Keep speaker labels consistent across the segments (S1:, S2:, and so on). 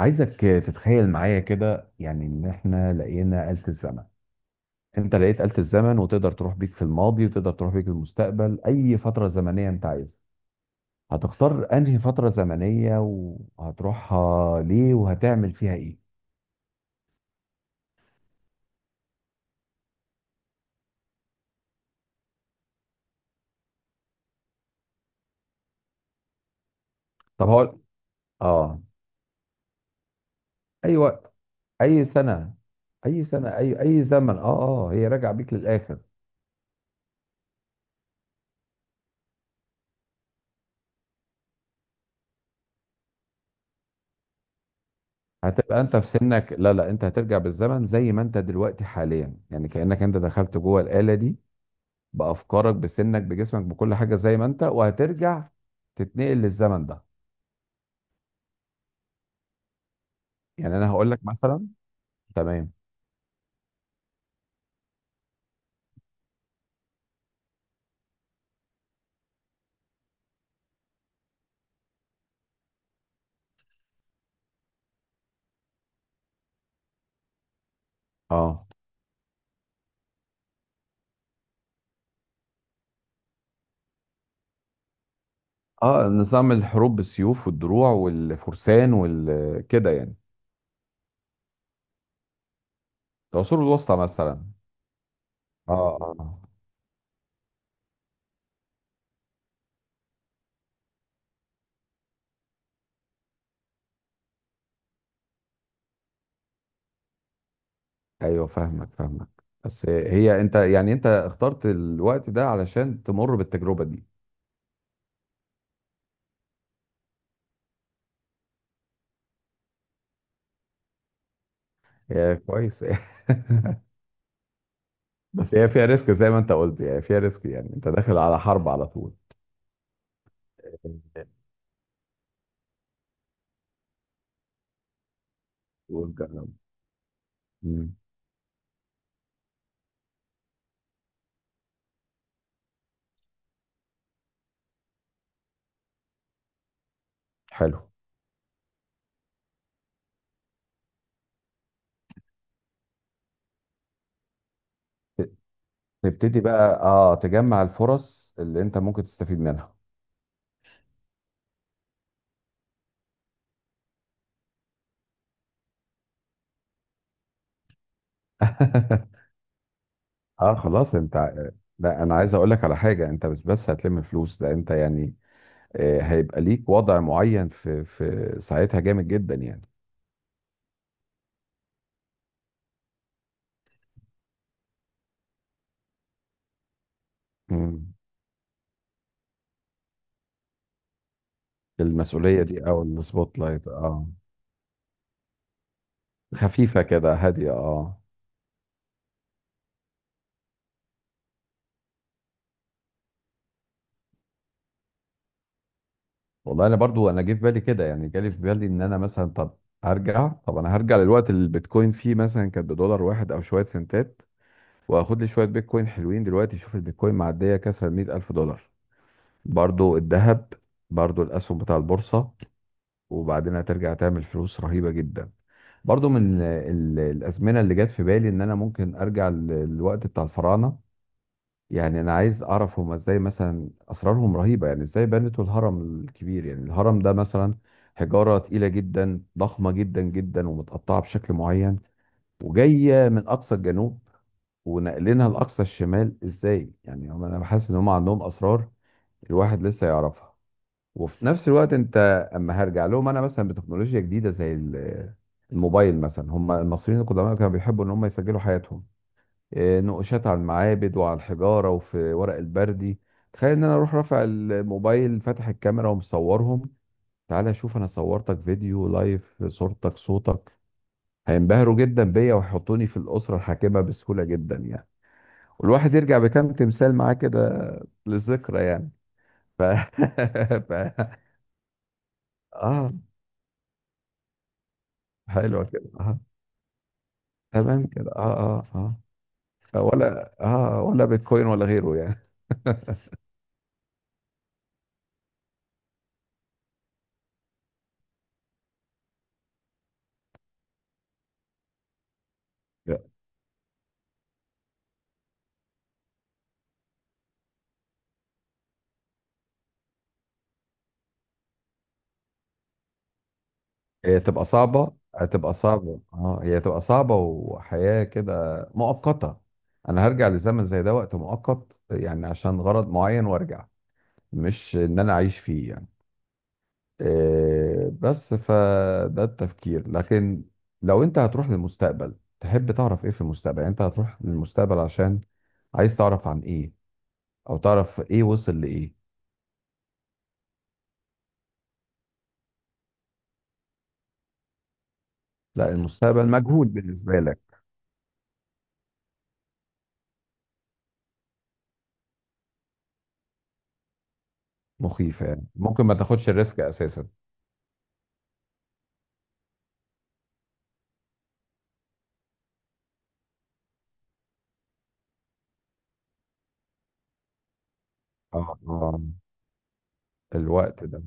S1: عايزك تتخيل معايا كده، يعني ان احنا لقينا آلة الزمن. انت لقيت آلة الزمن وتقدر تروح بيك في الماضي وتقدر تروح بيك المستقبل، اي فترة زمنية انت عايزها. هتختار انهي فترة زمنية وهتروحها ليه وهتعمل فيها ايه؟ طب هقول، اه. اي وقت. اي سنة. اي سنة، اي زمن، اه، اه، هي راجعة بيك للاخر. هتبقى انت في سنك. لا، لا، انت هترجع بالزمن زي ما انت دلوقتي حاليا، يعني كأنك انت دخلت جوه الآلة دي بافكارك بسنك بجسمك بكل حاجه زي ما انت، وهترجع تتنقل للزمن ده. يعني انا هقول لك مثلا. تمام. اه اه. نظام الحروب بالسيوف والدروع والفرسان والكده يعني. العصور الوسطى مثلا. اه، اه. ايوه، فاهمك، فاهمك. بس هي انت يعني، انت اخترت الوقت ده علشان تمر بالتجربه دي. هي كويس. بس هي فيها ريسك زي ما انت قلت، يعني فيها ريسك، يعني انت داخل على حرب على طول. وتجرب. مم. حلو. تبتدي بقى تجمع الفرص اللي انت ممكن تستفيد منها. اه، خلاص، انت لا، انا عايز اقول لك على حاجه، انت مش بس هتلم فلوس، ده انت يعني هيبقى ليك وضع معين في ساعتها جامد جدا يعني. مم. المسؤوليه دي او السبوت لايت، اه. خفيفه كده، هاديه، اه. والله انا برضو، انا جه في بالي كده يعني، جالي في بالي ان انا مثلا، طب هرجع، طب انا هرجع للوقت اللي البيتكوين فيه مثلا كانت بدولار واحد او شويه سنتات، واخد لي شويه بيتكوين حلوين، دلوقتي شوف البيتكوين معديه كسر ال 100 ألف دولار. برضو الذهب. برضو الاسهم بتاع البورصه. وبعدين هترجع تعمل فلوس رهيبه جدا. برضو من الازمنه اللي جت في بالي ان انا ممكن ارجع للوقت بتاع الفراعنه. يعني انا عايز اعرف هما ازاي مثلا، اسرارهم رهيبه، يعني ازاي بنتوا الهرم الكبير؟ يعني الهرم ده مثلا حجاره تقيله جدا، ضخمه جدا جدا ومتقطعه بشكل معين وجايه من اقصى الجنوب ونقلينها لاقصى الشمال ازاي؟ يعني انا بحس ان هم عندهم اسرار الواحد لسه يعرفها. وفي نفس الوقت انت، اما هرجع لهم انا مثلا بتكنولوجيا جديده زي الموبايل مثلا، هم المصريين القدماء كانوا بيحبوا ان هم يسجلوا حياتهم، إيه، نقوشات على المعابد وعلى الحجاره وفي ورق البردي. تخيل ان انا اروح رافع الموبايل، فاتح الكاميرا ومصورهم. تعالى شوف، انا صورتك فيديو لايف، صورتك صوتك. هينبهروا جدا بيا ويحطوني في الاسره الحاكمه بسهوله جدا يعني. والواحد يرجع بكام تمثال معاه كده، للذكرى يعني. ف... ف... اه، حلوة كده، اه. تمام كده، اه، اه. اه ولا اه ولا بيتكوين ولا غيره يعني. لا، هي تبقى صعبة، هتبقى صعبة، اه، هي تبقى صعبة وحياة كده مؤقتة. انا هرجع لزمن زي ده وقت مؤقت يعني عشان غرض معين وارجع، مش ان انا اعيش فيه يعني بس فده التفكير. لكن لو انت هتروح للمستقبل تحب تعرف ايه في المستقبل؟ يعني انت هتروح للمستقبل عشان عايز تعرف عن ايه، او تعرف ايه وصل لايه؟ لا، المستقبل مجهول بالنسبة لك. مخيفة، يعني ممكن ما تاخدش الريسك اساسا. اه، الوقت ده.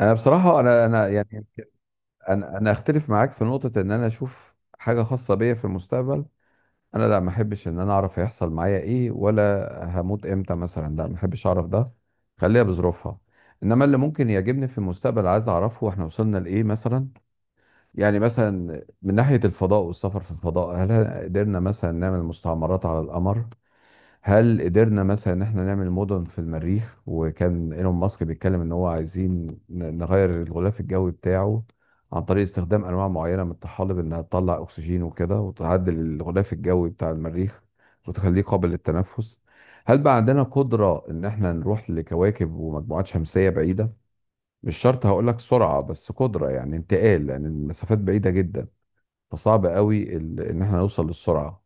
S1: انا بصراحة، انا يعني، انا اختلف معاك في نقطة ان انا اشوف حاجة خاصة بيا في المستقبل. انا لا، ما احبش ان انا اعرف هيحصل معايا ايه، ولا هموت امتى مثلا. لا، ما احبش اعرف ده، خليها بظروفها. انما اللي ممكن يعجبني في المستقبل، عايز اعرفه احنا وصلنا لايه مثلا. يعني مثلا من ناحية الفضاء والسفر في الفضاء، هل قدرنا مثلا نعمل مستعمرات على القمر؟ هل قدرنا مثلا ان احنا نعمل مدن في المريخ؟ وكان ايلون ماسك بيتكلم ان هو عايزين نغير الغلاف الجوي بتاعه عن طريق استخدام انواع معينه من الطحالب انها تطلع اكسجين وكده، وتعدل الغلاف الجوي بتاع المريخ وتخليه قابل للتنفس. هل بقى عندنا قدره ان احنا نروح لكواكب ومجموعات شمسيه بعيده؟ مش شرط هقول لك سرعه بس قدره، يعني انتقال، لان يعني المسافات بعيده جدا، فصعب قوي ان احنا نوصل للسرعه.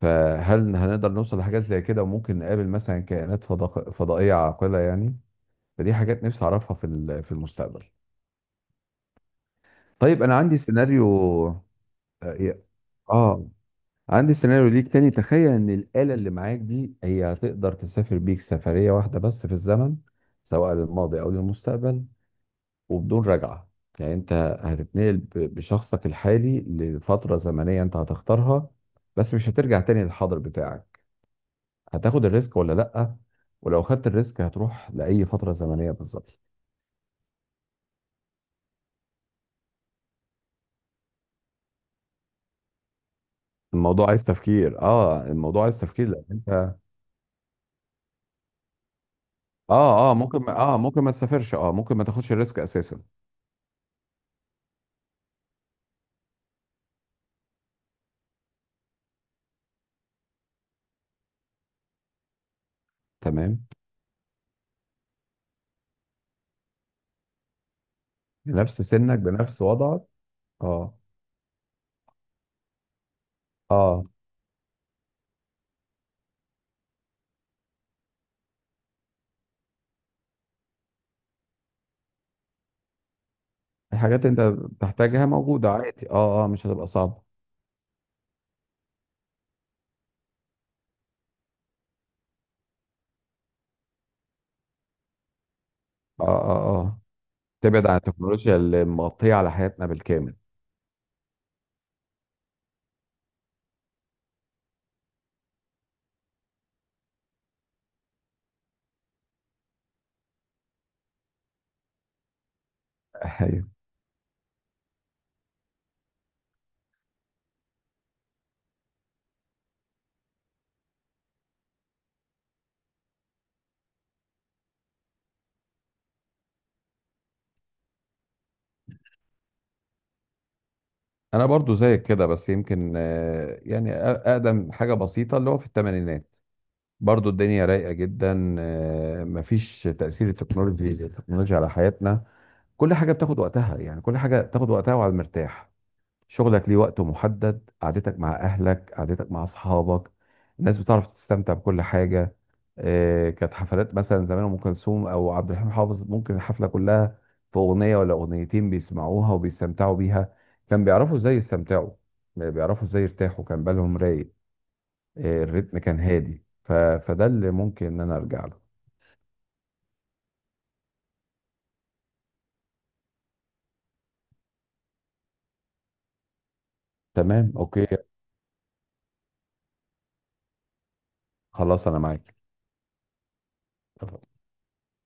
S1: فهل هنقدر نوصل لحاجات زي كده، وممكن نقابل مثلا كائنات فضائية عاقلة يعني؟ فدي حاجات نفسي أعرفها في المستقبل. طيب، أنا عندي سيناريو. آه آه، عندي سيناريو ليك تاني. تخيل إن الآلة اللي معاك دي هي هتقدر تسافر بيك سفرية واحدة بس في الزمن، سواء للماضي أو للمستقبل، وبدون رجعة. يعني أنت هتتنقل بشخصك الحالي لفترة زمنية أنت هتختارها، بس مش هترجع تاني للحاضر بتاعك. هتاخد الريسك ولا لأ؟ ولو خدت الريسك هتروح لأي فترة زمنية بالظبط؟ الموضوع عايز تفكير، الموضوع عايز تفكير لأن انت ممكن ما تسافرش، ممكن ما تاخدش الريسك اساسا. تمام. بنفس سنك، بنفس وضعك. اه، اه، الحاجات اللي انت بتحتاجها موجودة عادي، اه، اه، مش هتبقى صعبة. اه، اه، اه، تبعد عن التكنولوجيا اللي مغطية على حياتنا بالكامل. ايوه، انا برضو زيك كده بس يمكن يعني اقدم حاجة بسيطة اللي هو في الثمانينات، برضو الدنيا رايقة جدا، مفيش تأثير التكنولوجيا على حياتنا. كل حاجة بتاخد وقتها يعني، كل حاجة بتاخد وقتها وعلى المرتاح. شغلك ليه وقت محدد، قعدتك مع أهلك، قعدتك مع أصحابك. الناس بتعرف تستمتع بكل حاجة. كانت حفلات مثلا زمان أم كلثوم أو عبد الحليم حافظ، ممكن الحفلة كلها في أغنية ولا أغنيتين بيسمعوها وبيستمتعوا بيها. كان بيعرفوا إزاي يستمتعوا، بيعرفوا إزاي يرتاحوا، كان بالهم رايق. إيه، الريتم كان هادي، فده اللي ممكن ان انا ارجع له. تمام، اوكي. خلاص انا معاك.